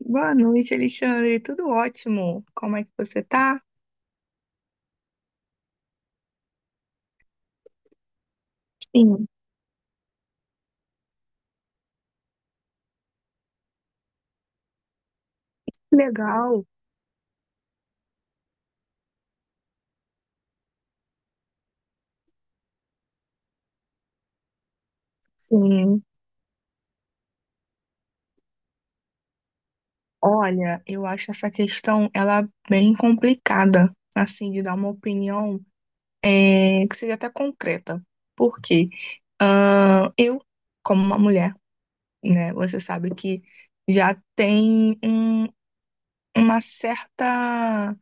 Boa noite, Alexandre. Tudo ótimo. Como é que você tá? Sim, legal. Sim. Olha, eu acho essa questão ela bem complicada, assim, de dar uma opinião que seja até concreta. Por quê? Ah, eu, como uma mulher, né, você sabe que já tem uma certa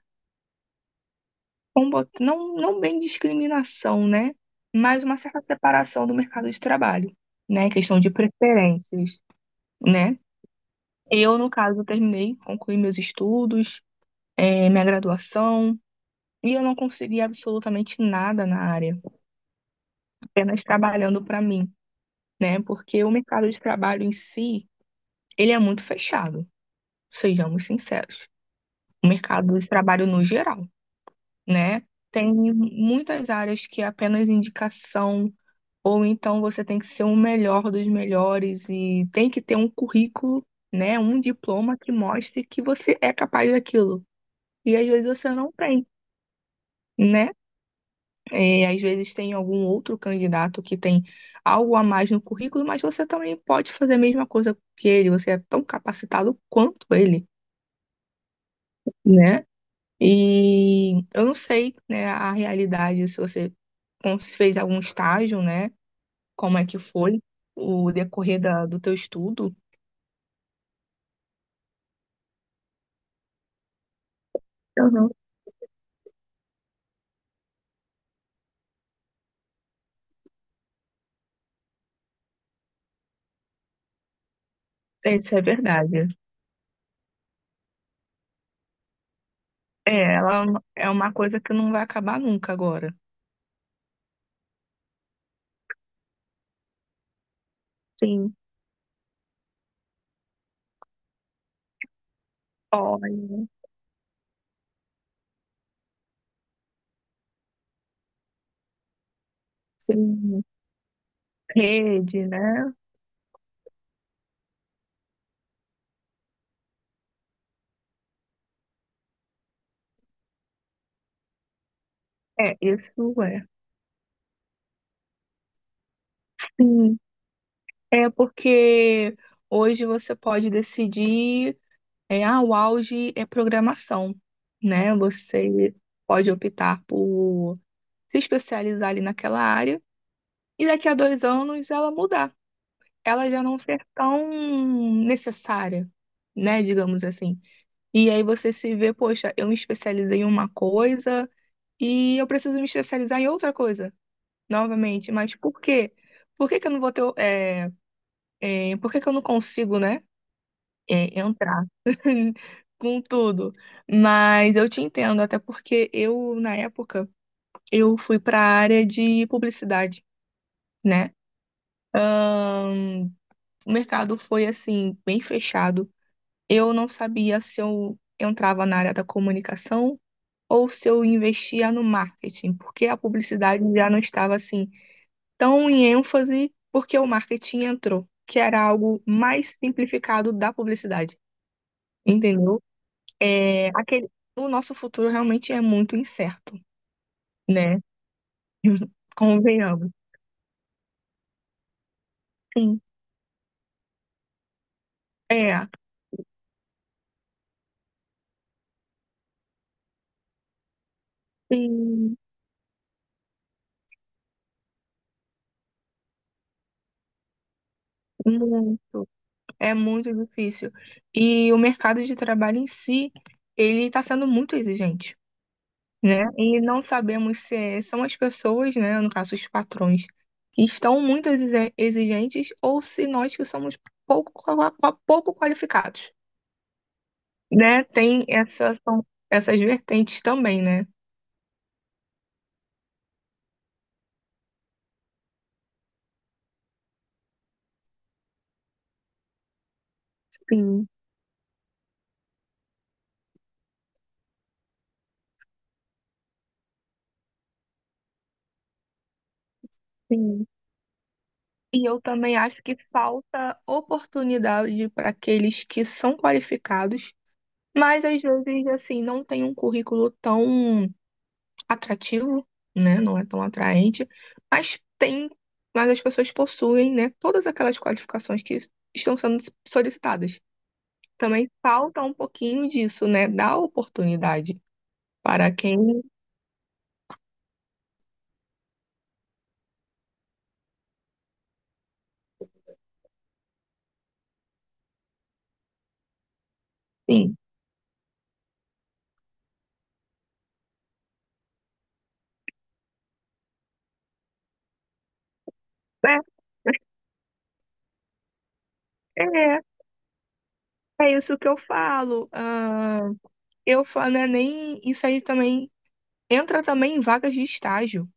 vamos botar, não, não bem discriminação, né? Mas uma certa separação do mercado de trabalho, né? Questão de preferências, né? Eu, no caso, terminei, concluí meus estudos, minha graduação, e eu não consegui absolutamente nada na área, apenas trabalhando para mim, né? Porque o mercado de trabalho em si, ele é muito fechado, sejamos sinceros. O mercado de trabalho no geral, né? Tem muitas áreas que é apenas indicação, ou então você tem que ser o melhor dos melhores e tem que ter um currículo, né, um diploma que mostre que você é capaz daquilo. E às vezes você não tem, né? É, às vezes tem algum outro candidato que tem algo a mais no currículo, mas você também pode fazer a mesma coisa que ele, você é tão capacitado quanto ele, né? E eu não sei, né, a realidade, se você fez algum estágio, né? Como é que foi o decorrer do teu estudo? Eu não sei se é verdade. É, ela é uma coisa que não vai acabar nunca agora. Sim, olha, sim, rede, né? É, isso é. Sim, é porque hoje você pode decidir, o auge é programação, né? Você pode optar por se especializar ali naquela área e daqui a 2 anos ela mudar, ela já não ser tão necessária, né? Digamos assim. E aí você se vê, poxa, eu me especializei em uma coisa e eu preciso me especializar em outra coisa, novamente. Mas por quê? Por que que eu não vou ter, por que que eu não consigo, né, entrar com tudo? Mas eu te entendo, até porque eu, na época, eu fui para a área de publicidade, né? Ahn, o mercado foi, assim, bem fechado. Eu não sabia se eu entrava na área da comunicação ou se eu investia no marketing, porque a publicidade já não estava assim tão em ênfase, porque o marketing entrou, que era algo mais simplificado da publicidade, entendeu? É, aquele, o nosso futuro realmente é muito incerto, né? Convenhamos. Sim. É, sim, muito. É muito difícil. E o mercado de trabalho em si, ele está sendo muito exigente, né? E não sabemos se são as pessoas, né, no caso os patrões, que estão muito exigentes ou se nós que somos pouco qualificados, né? São essas vertentes também, né? Sim, sim. E eu também acho que falta oportunidade para aqueles que são qualificados, mas às vezes, assim, não tem um currículo tão atrativo, né? Não é tão atraente, mas tem, mas as pessoas possuem, né, todas aquelas qualificações que estão sendo solicitadas. Também falta um pouquinho disso, né? Dar oportunidade para quem, sim. É, é, é isso que eu falo. Ah, eu falo, né, nem isso aí também entra também em vagas de estágio.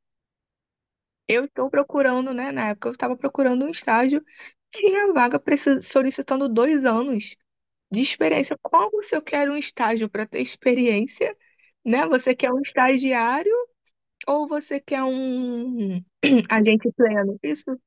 Eu estou procurando, né? Na época eu estava procurando um estágio, tinha vaga solicitando dois anos de experiência. Como se eu quero um estágio para ter experiência, né? Você quer um estagiário ou você quer um agente pleno? Isso,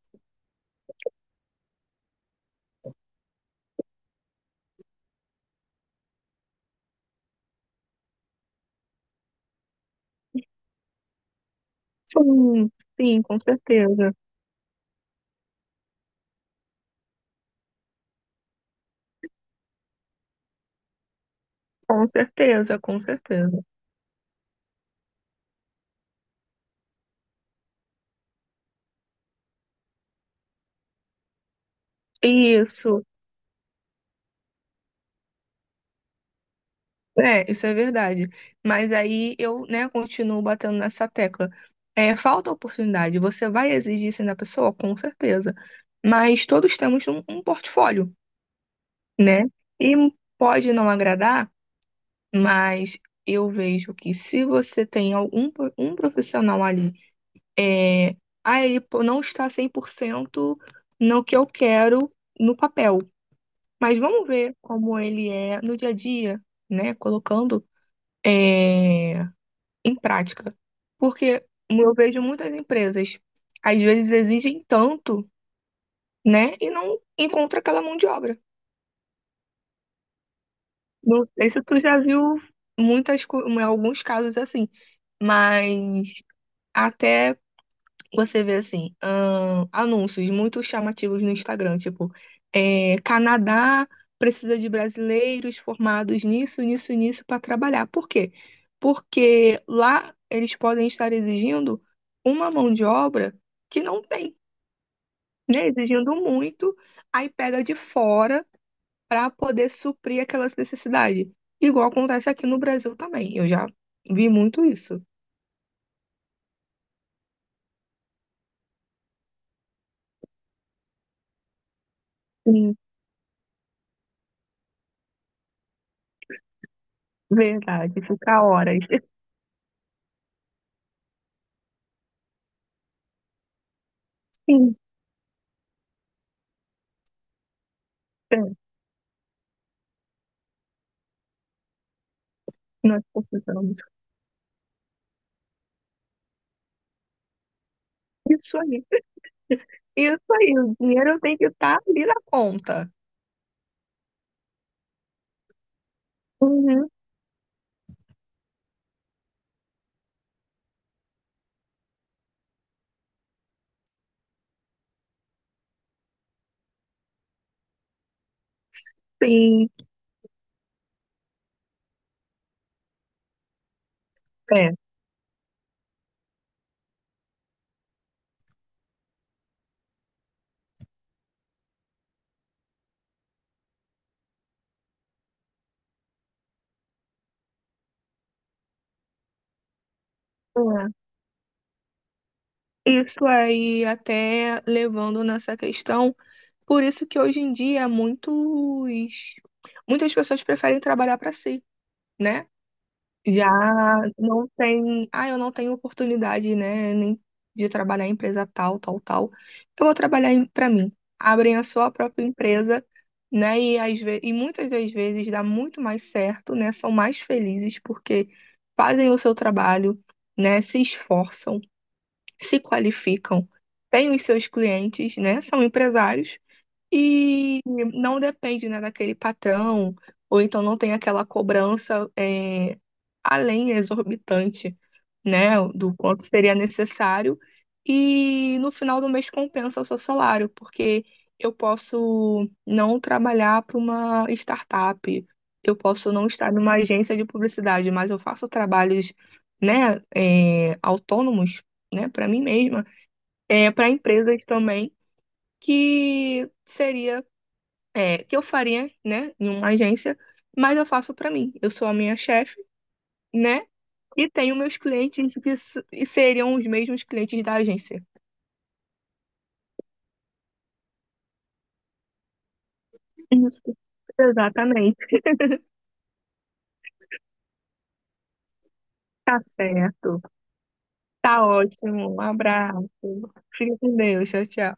sim, sim, com certeza. Com certeza, com certeza. Isso, isso é verdade. Mas aí eu, né, continuo batendo nessa tecla. É, falta oportunidade. Você vai exigir isso da pessoa? Com certeza. Mas todos temos um portfólio, né? E pode não agradar, mas eu vejo que se você tem algum um profissional ali, é, ele não está 100% no que eu quero no papel, mas vamos ver como ele é no dia a dia, né? Colocando, é, em prática. Porque eu vejo muitas empresas, às vezes exigem tanto, né? E não encontra aquela mão de obra. Não sei se tu já viu alguns casos assim, mas até você vê assim, anúncios muito chamativos no Instagram, tipo, Canadá precisa de brasileiros formados nisso, nisso, nisso para trabalhar. Por quê? Porque lá eles podem estar exigindo uma mão de obra que não tem, né? Exigindo muito, aí pega de fora para poder suprir aquelas necessidades. Igual acontece aqui no Brasil também. Eu já vi muito isso. Sim, verdade, fica horas. Sim. Nós precisamos. Isso aí, isso aí. O dinheiro tem que estar ali na conta. Uhum, sim, é, é. Isso aí, até levando nessa questão, por isso que hoje em dia muitas pessoas preferem trabalhar para si, né? Já não tem, ah, eu não tenho oportunidade, né, nem de trabalhar em empresa tal, tal, tal. Eu vou trabalhar pra mim. Abrem a sua própria empresa, né, e muitas das vezes dá muito mais certo, né? São mais felizes porque fazem o seu trabalho, né, se esforçam, se qualificam, têm os seus clientes, né? São empresários e não depende, né, daquele patrão, ou então não tem aquela cobrança além exorbitante, né, do quanto seria necessário. E no final do mês compensa o seu salário, porque eu posso não trabalhar para uma startup, eu posso não estar numa agência de publicidade, mas eu faço trabalhos, né, autônomos, né, para mim mesma, para empresas também, que seria que eu faria, né, em uma agência, mas eu faço para mim. Eu sou a minha chefe, né, e tenho meus clientes e seriam os mesmos clientes da agência. Isso, exatamente. Tá certo. Tá ótimo. Um abraço. Fica com Deus. Tchau, tchau.